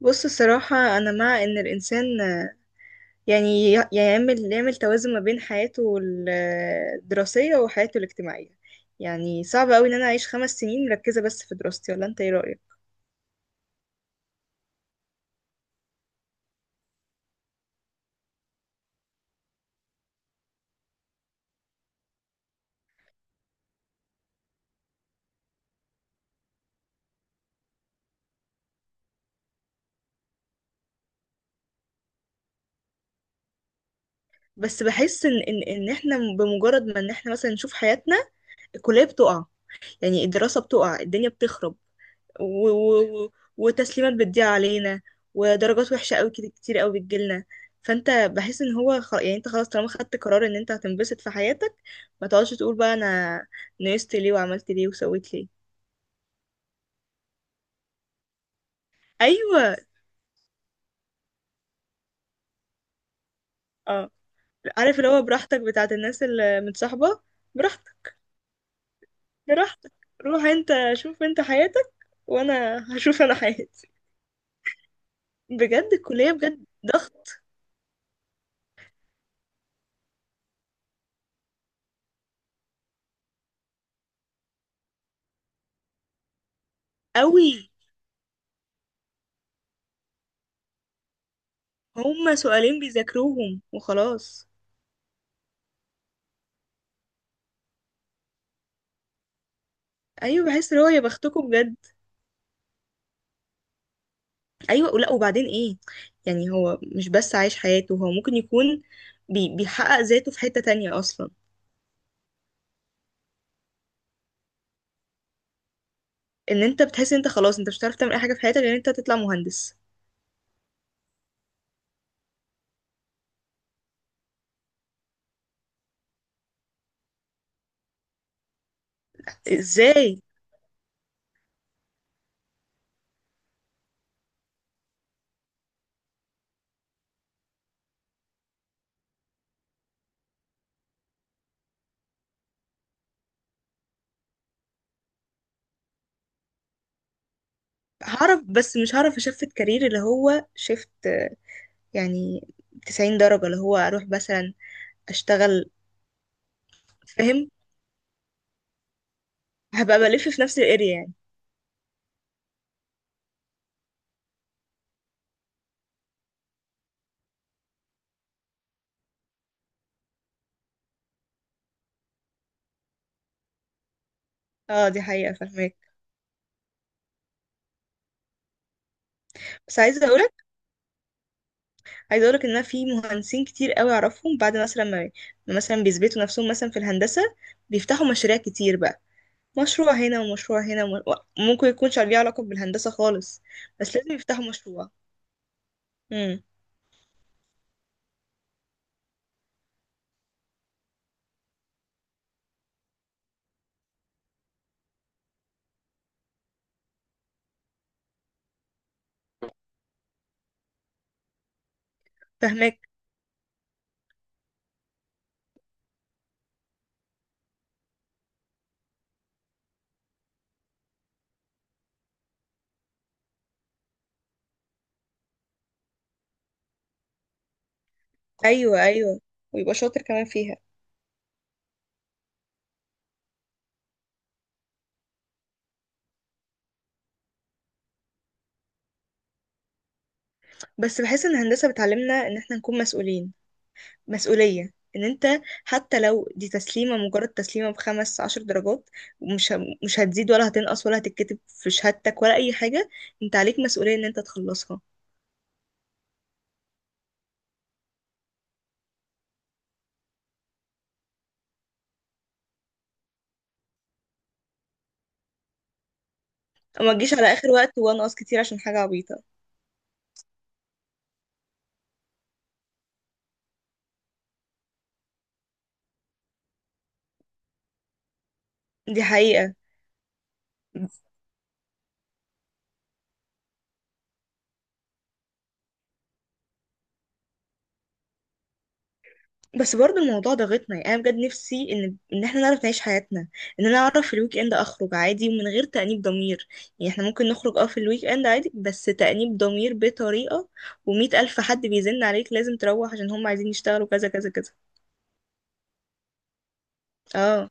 بص الصراحة أنا مع إن الإنسان يعني يعمل توازن ما بين حياته الدراسية وحياته الاجتماعية. يعني صعب أوي إن أنا أعيش 5 سنين مركزة بس في دراستي، ولا أنت إيه رأيك؟ بس بحس إن إحنا بمجرد ما إن إحنا مثلا نشوف حياتنا الكلية بتقع، يعني الدراسة بتقع، الدنيا بتخرب و... و... و- وتسليمات بتضيع علينا، ودرجات وحشة قوي كتير قوي بتجيلنا. فانت بحس ان هو يعني انت خلاص طالما خدت قرار ان انت هتنبسط في حياتك، ما تقعدش تقول بقى انا نقصت ليه وعملت ليه وسويت ليه. ايوه. اه، عارف اللي هو براحتك بتاعت الناس اللي متصاحبة. براحتك، براحتك، روح انت شوف انت حياتك، وانا هشوف انا حياتي. بجد الكلية بجد ضغط قوي. هما سؤالين بيذاكروهم وخلاص. ايوه، بحس اللي هو يا بختكم بجد. ايوه، ولا وبعدين ايه؟ يعني هو مش بس عايش حياته، هو ممكن يكون بيحقق ذاته في حتة تانية اصلا. ان انت بتحس ان انت خلاص انت مش هتعرف تعمل اي حاجة في حياتك غير ان انت تطلع مهندس. ازاي؟ هعرف بس مش هعرف اشفت كارير اللي هو شفت، يعني 90 درجة اللي هو اروح مثلا اشتغل. فاهم. هبقى بلف في نفس الاريا يعني. اه، دي حقيقة فاهمك. بس عايزة اقول، عايزه اقولك ان انا في مهندسين كتير قوي اعرفهم بعد مثلا ما مثلا بيثبتوا نفسهم مثلا في الهندسه، بيفتحوا مشاريع كتير بقى، مشروع هنا ومشروع هنا وممكن يكونش ليه علاقه بالهندسه خالص. بس لازم يفتحوا مشروع. امم. فهمك. ايوه، ايوه. ويبقى شاطر كمان فيها. بس بحس ان الهندسه بتعلمنا ان احنا نكون مسؤولين. مسؤوليه ان انت حتى لو دي تسليمه مجرد تسليمه ب15 درجات، ومش مش هتزيد ولا هتنقص ولا هتتكتب في شهادتك ولا اي حاجه، انت عليك مسؤولية ان انت تخلصها، وما تجيش على اخر وقت وانقص كتير عشان حاجه عبيطه. دي حقيقه. بس برضو الموضوع ضاغطنا، يعني انا بجد نفسي ان احنا نعرف نعيش حياتنا، ان انا اعرف في الويك اند اخرج عادي ومن غير تانيب ضمير. يعني احنا ممكن نخرج في الويك اند عادي بس تانيب ضمير بطريقه، و100 ألف حد بيزن عليك لازم تروح عشان هم عايزين يشتغلوا كذا كذا كذا. اه،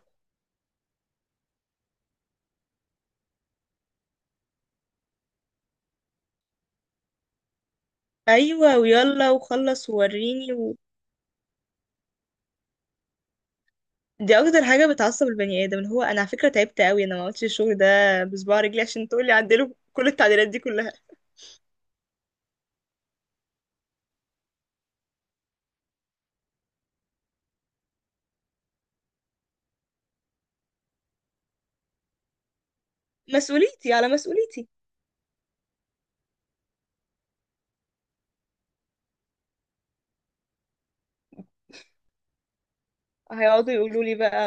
ايوه، ويلا وخلص ووريني. دي اكتر حاجه بتعصب البني ادم، اللي هو انا على فكره تعبت قوي، انا ما عملتش الشغل ده بصباع رجلي عشان تقولي عدله كل التعديلات دي كلها. مسؤوليتي على مسؤوليتي. هيقعدوا يقولوا لي بقى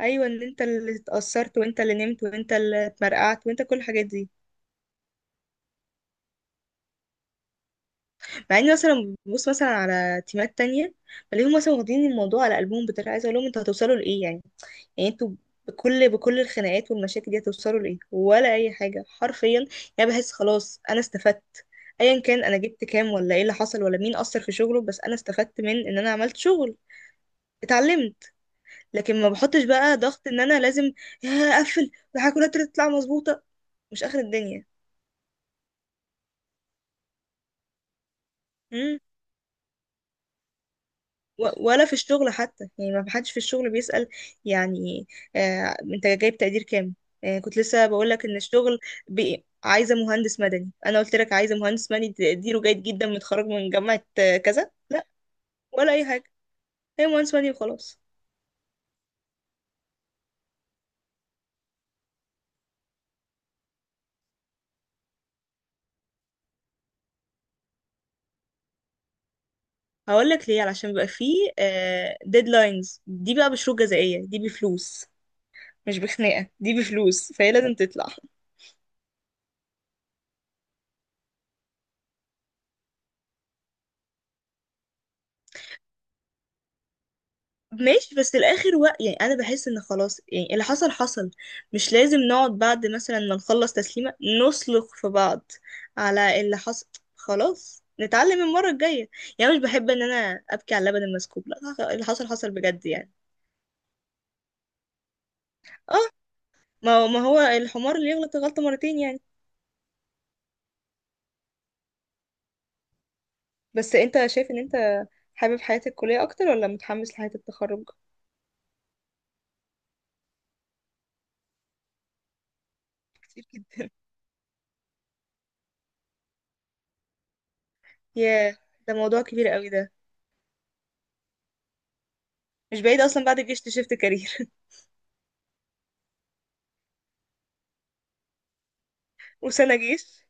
ايوه، ان انت اللي اتأثرت وانت اللي نمت وانت اللي اتمرقعت وانت كل الحاجات دي. مع اني مثلا ببص مثلا على تيمات تانية بلاقيهم مثلا واخدين الموضوع على قلبهم بطريقه، عايزه اقول لهم انتوا هتوصلوا لايه يعني؟ يعني انتوا بكل الخناقات والمشاكل دي هتوصلوا لايه ولا اي حاجه حرفيا؟ يعني بحس خلاص انا استفدت، ايا كان انا جبت كام ولا ايه اللي حصل ولا مين اثر في شغله، بس انا استفدت من ان انا عملت شغل، اتعلمت. لكن ما بحطش بقى ضغط ان انا لازم يا اقفل والحاجات تطلع مظبوطه، مش اخر الدنيا. امم. ولا في الشغل حتى، يعني ما حدش في الشغل بيسأل يعني، آه، انت جايب تقدير كام؟ آه، كنت لسه بقول لك ان الشغل عايزه مهندس مدني. انا قلت لك عايزه مهندس مدني تقديره جيد جدا متخرج من جامعه كذا. لا، ولا اي حاجه. هي مهندس مدني وخلاص. هقول لك ليه، علشان بيبقى فيه ديدلاينز، دي بقى بشروط جزائيه، دي بفلوس، مش بخناقه، دي بفلوس فهي لازم تطلع. ماشي. بس الاخر يعني انا بحس ان خلاص، يعني اللي حصل حصل، مش لازم نقعد بعد مثلا ما نخلص تسليمة نسلق في بعض على اللي حصل، خلاص نتعلم المرة الجاية. يعني مش بحب ان انا ابكي على اللبن المسكوب، لا اللي حصل حصل بجد يعني. اه، ما هو الحمار اللي يغلط غلطة مرتين يعني. بس انت شايف ان انت حابب حياة الكلية اكتر ولا متحمس لحياة التخرج؟ كتير جدا. ياه، ده موضوع كبير قوي ده. مش بعيد اصلا بعد الجيش تشفت كارير وسنة جيش.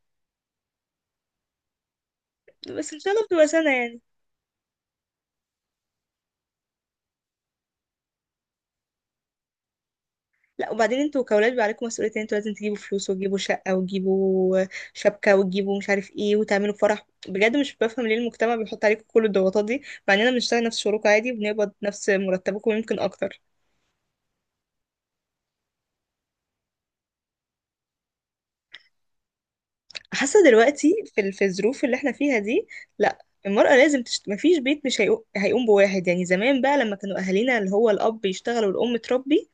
بس ان شاء الله بتبقى سنة يعني. لا وبعدين انتوا كأولاد بيبقى عليكم مسؤوليتين، انتوا لازم تجيبوا فلوس وتجيبوا شقة وتجيبوا شبكة وتجيبوا مش عارف ايه وتعملوا فرح، بجد مش بفهم ليه المجتمع بيحط عليكم كل الضغوطات دي، مع اننا بنشتغل نفس شغلكم عادي وبنقبض نفس مرتبكم يمكن اكتر. حاسة دلوقتي في الظروف اللي احنا فيها دي. لا، المرأة لازم مفيش بيت مش هيقو- هيقوم بواحد يعني، زمان بقى لما كانوا أهالينا اللي هو الأب يشتغل والأم تربي.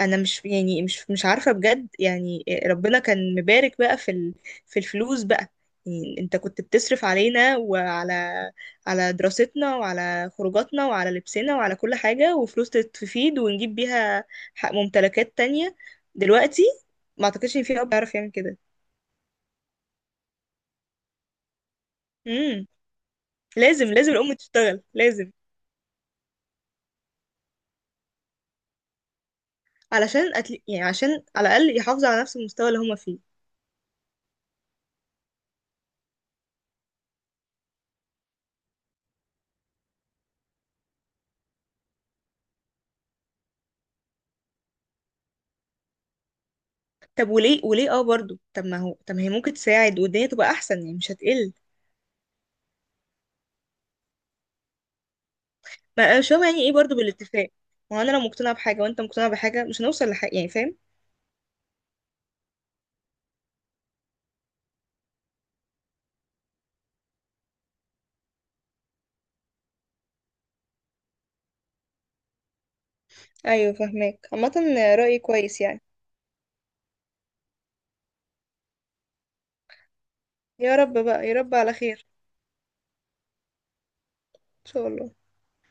انا مش، يعني مش عارفه بجد، يعني ربنا كان مبارك بقى في الفلوس بقى، يعني انت كنت بتصرف علينا، وعلى دراستنا وعلى خروجاتنا وعلى لبسنا وعلى كل حاجه، وفلوس تفيد ونجيب بيها حق ممتلكات تانية. دلوقتي ما اعتقدش ان في اب يعرف يعمل كده. امم. لازم لازم الام تشتغل، لازم، علشان يعني عشان على الاقل يحافظوا على نفس المستوى اللي هما فيه. طب وليه برضو، طب ما هي ممكن تساعد والدنيا تبقى احسن يعني مش هتقل. ما مش فاهمة يعني ايه برضو بالاتفاق؟ ما هو انا لو مقتنعة بحاجة وانت مقتنع بحاجة مش هنوصل لحاجة، يعني فاهم؟ ايوه فاهماك. عامة رأيي كويس يعني. يا رب بقى، يا رب على خير، ان شاء الله.